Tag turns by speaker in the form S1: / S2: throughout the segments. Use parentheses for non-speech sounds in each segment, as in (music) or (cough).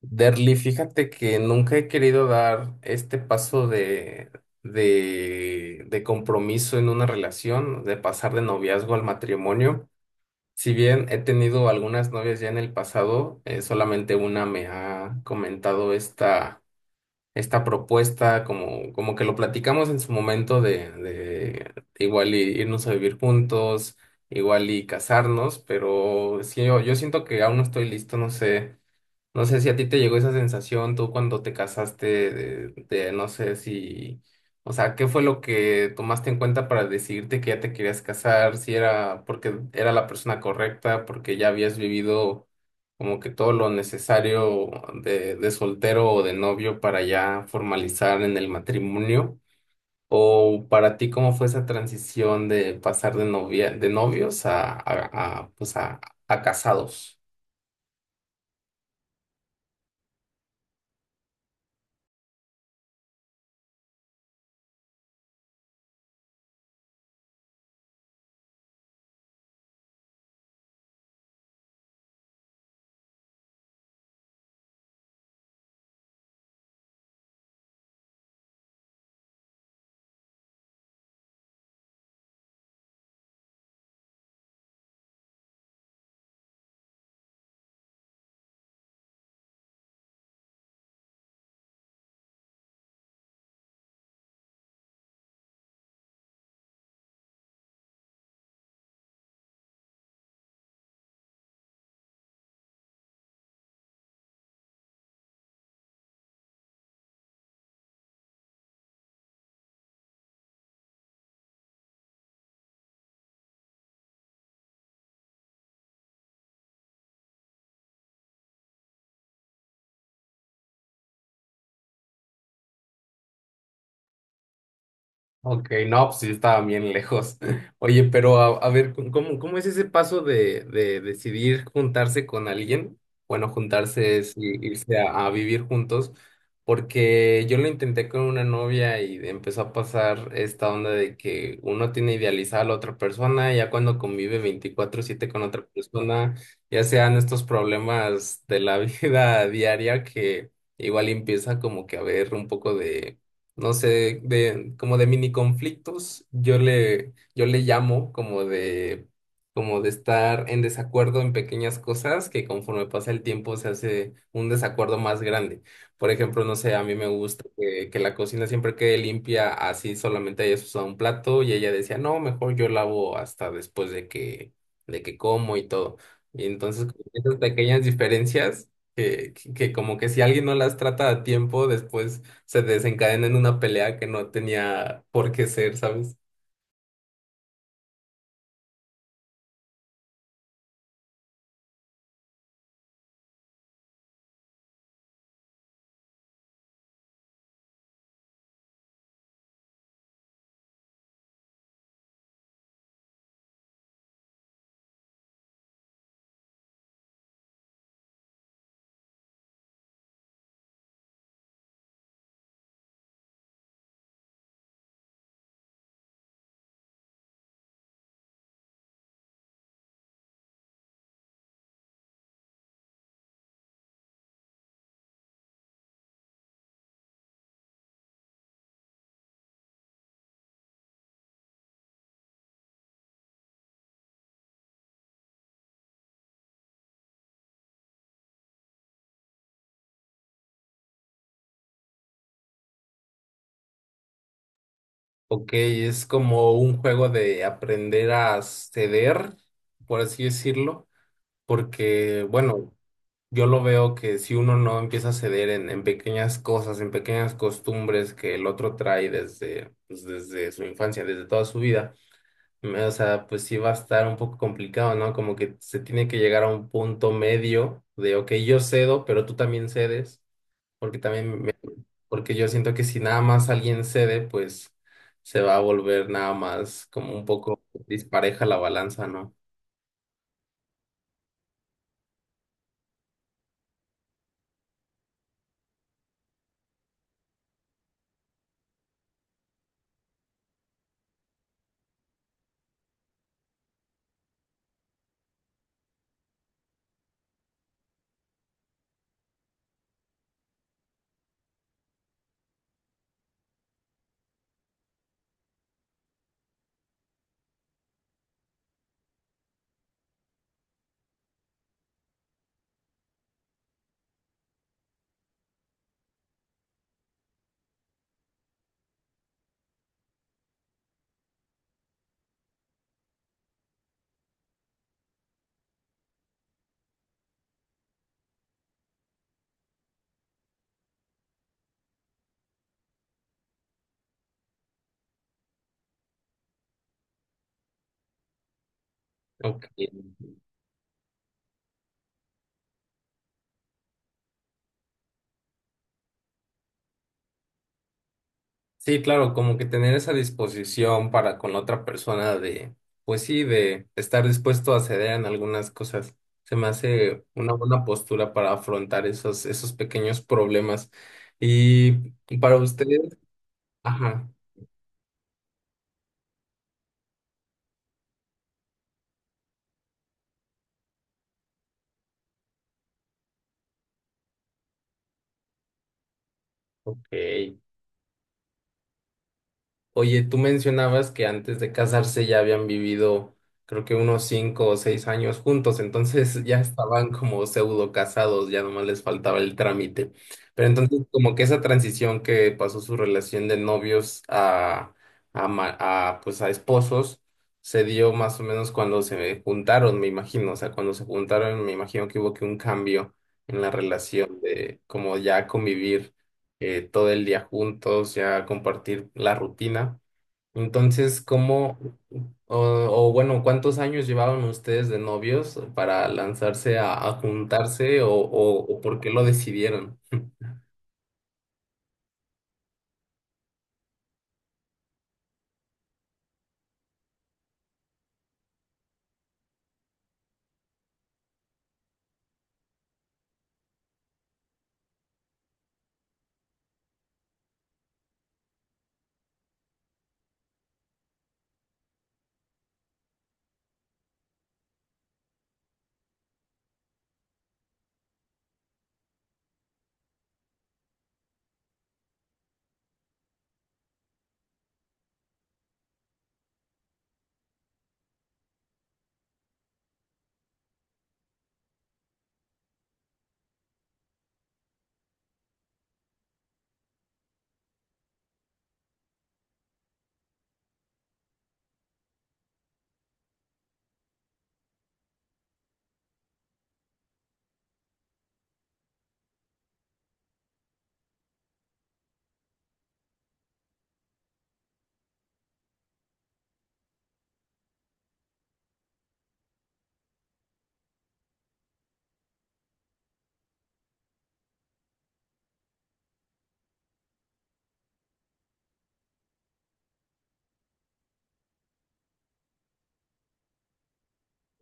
S1: Derly, fíjate que nunca he querido dar este paso de compromiso en una relación, de pasar de noviazgo al matrimonio. Si bien he tenido algunas novias ya en el pasado, solamente una me ha comentado esta propuesta, como que lo platicamos en su momento de igual y irnos a vivir juntos, igual y casarnos, pero sí, yo siento que aún no estoy listo, no sé. No sé si a ti te llegó esa sensación tú cuando te casaste, de no sé si, o sea, ¿qué fue lo que tomaste en cuenta para decidirte que ya te querías casar? Si era porque era la persona correcta, porque ya habías vivido como que todo lo necesario de soltero o de novio para ya formalizar en el matrimonio. ¿O para ti cómo fue esa transición de pasar de novia, de novios pues a casados? Ok, no, pues sí estaba bien lejos. (laughs) Oye, pero a ver, ¿cómo es ese paso de decidir juntarse con alguien? Bueno, juntarse es irse a vivir juntos, porque yo lo intenté con una novia y empezó a pasar esta onda de que uno tiene idealizada a la otra persona, ya cuando convive 24/7 con otra persona, ya sean estos problemas de la (laughs) vida diaria que igual empieza como que a haber un poco de no sé, de como de mini conflictos, yo le llamo como de estar en desacuerdo en pequeñas cosas que conforme pasa el tiempo se hace un desacuerdo más grande. Por ejemplo, no sé, a mí me gusta que la cocina siempre quede limpia, así solamente hayas usado un plato y ella decía, no, mejor yo lavo hasta después de que como y todo. Y entonces como que esas pequeñas diferencias que como que si alguien no las trata a tiempo, después se desencadena en una pelea que no tenía por qué ser, ¿sabes? Ok, es como un juego de aprender a ceder, por así decirlo, porque, bueno, yo lo veo que si uno no empieza a ceder en pequeñas cosas, en pequeñas costumbres que el otro trae desde, pues, desde su infancia, desde toda su vida, o sea, pues sí va a estar un poco complicado, ¿no? Como que se tiene que llegar a un punto medio de, ok, yo cedo, pero tú también cedes porque también porque yo siento que si nada más alguien cede, pues se va a volver nada más como un poco dispareja la balanza, ¿no? Ok. Sí, claro, como que tener esa disposición para con la otra persona de, pues sí, de estar dispuesto a ceder en algunas cosas. Se me hace una buena postura para afrontar esos pequeños problemas. Y para ustedes, ajá, ok. Oye, tú mencionabas que antes de casarse ya habían vivido, creo que unos 5 o 6 años juntos, entonces (laughs) ya estaban como pseudo casados, ya nomás les faltaba el trámite. Pero entonces, como que esa transición que pasó su relación de novios pues a esposos se dio más o menos cuando se juntaron, me imagino. O sea, cuando se juntaron, me imagino que hubo que un cambio en la relación de como ya convivir todo el día juntos, ya compartir la rutina. Entonces, ¿O bueno, cuántos años llevaban ustedes de novios para lanzarse a juntarse o por qué lo decidieron? (laughs)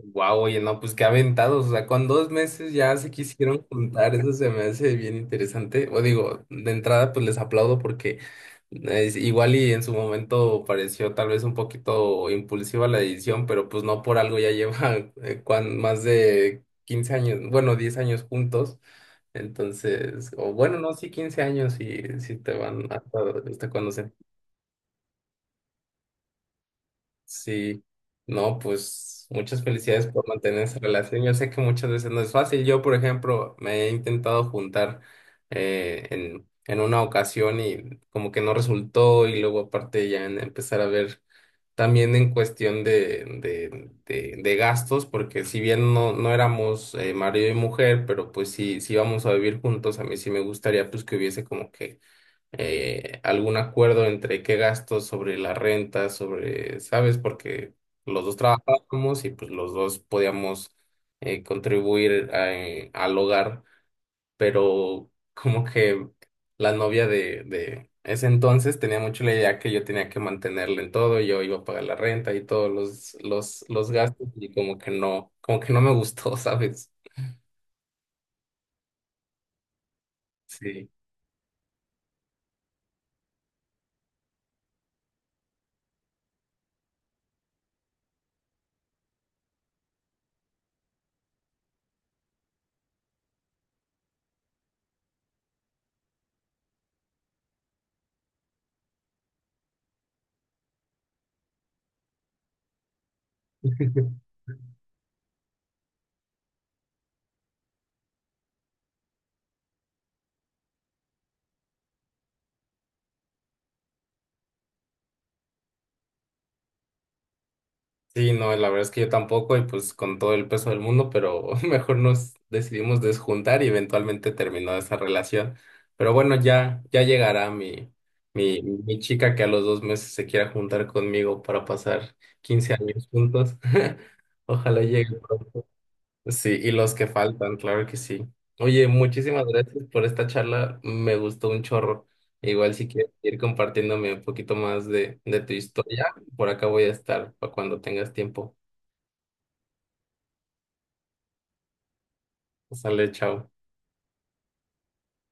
S1: Wow, oye, no, pues qué aventados, o sea, con 2 meses ya se quisieron juntar, eso se me hace bien interesante. O digo, de entrada, pues les aplaudo porque es igual y en su momento pareció tal vez un poquito impulsiva la decisión, pero pues no por algo ya lleva (laughs) más de 15 años, bueno, 10 años juntos. Entonces, o bueno, no, sí, 15 años y si te van hasta cuando se... Sí, no, pues muchas felicidades por mantener esa relación. Yo sé que muchas veces no es fácil. Yo, por ejemplo, me he intentado juntar en una ocasión y como que no resultó y luego aparte ya en empezar a ver también en cuestión de gastos, porque si bien no éramos marido y mujer, pero pues sí, íbamos a vivir juntos, a mí sí me gustaría pues que hubiese como que algún acuerdo entre qué gastos sobre la renta, sobre, ¿sabes? Porque los dos trabajábamos y pues los dos podíamos contribuir al hogar, pero como que la novia de ese entonces tenía mucho la idea que yo tenía que mantenerle en todo, yo iba a pagar la renta y todos los gastos y como que no me gustó, (laughs) ¿sabes? Sí. (laughs) Sí, no, la verdad es que yo tampoco, y pues con todo el peso del mundo, pero (laughs) mejor nos decidimos desjuntar y eventualmente terminó esa relación. Pero bueno, ya llegará mi chica que a los 2 meses se quiera juntar conmigo para pasar 15 años juntos. (laughs) Ojalá llegue pronto. Sí, y los que faltan, claro que sí. Oye, muchísimas gracias por esta charla, me gustó un chorro. Igual si quieres ir compartiéndome un poquito más de tu historia, por acá voy a estar para cuando tengas tiempo. Sale, chao.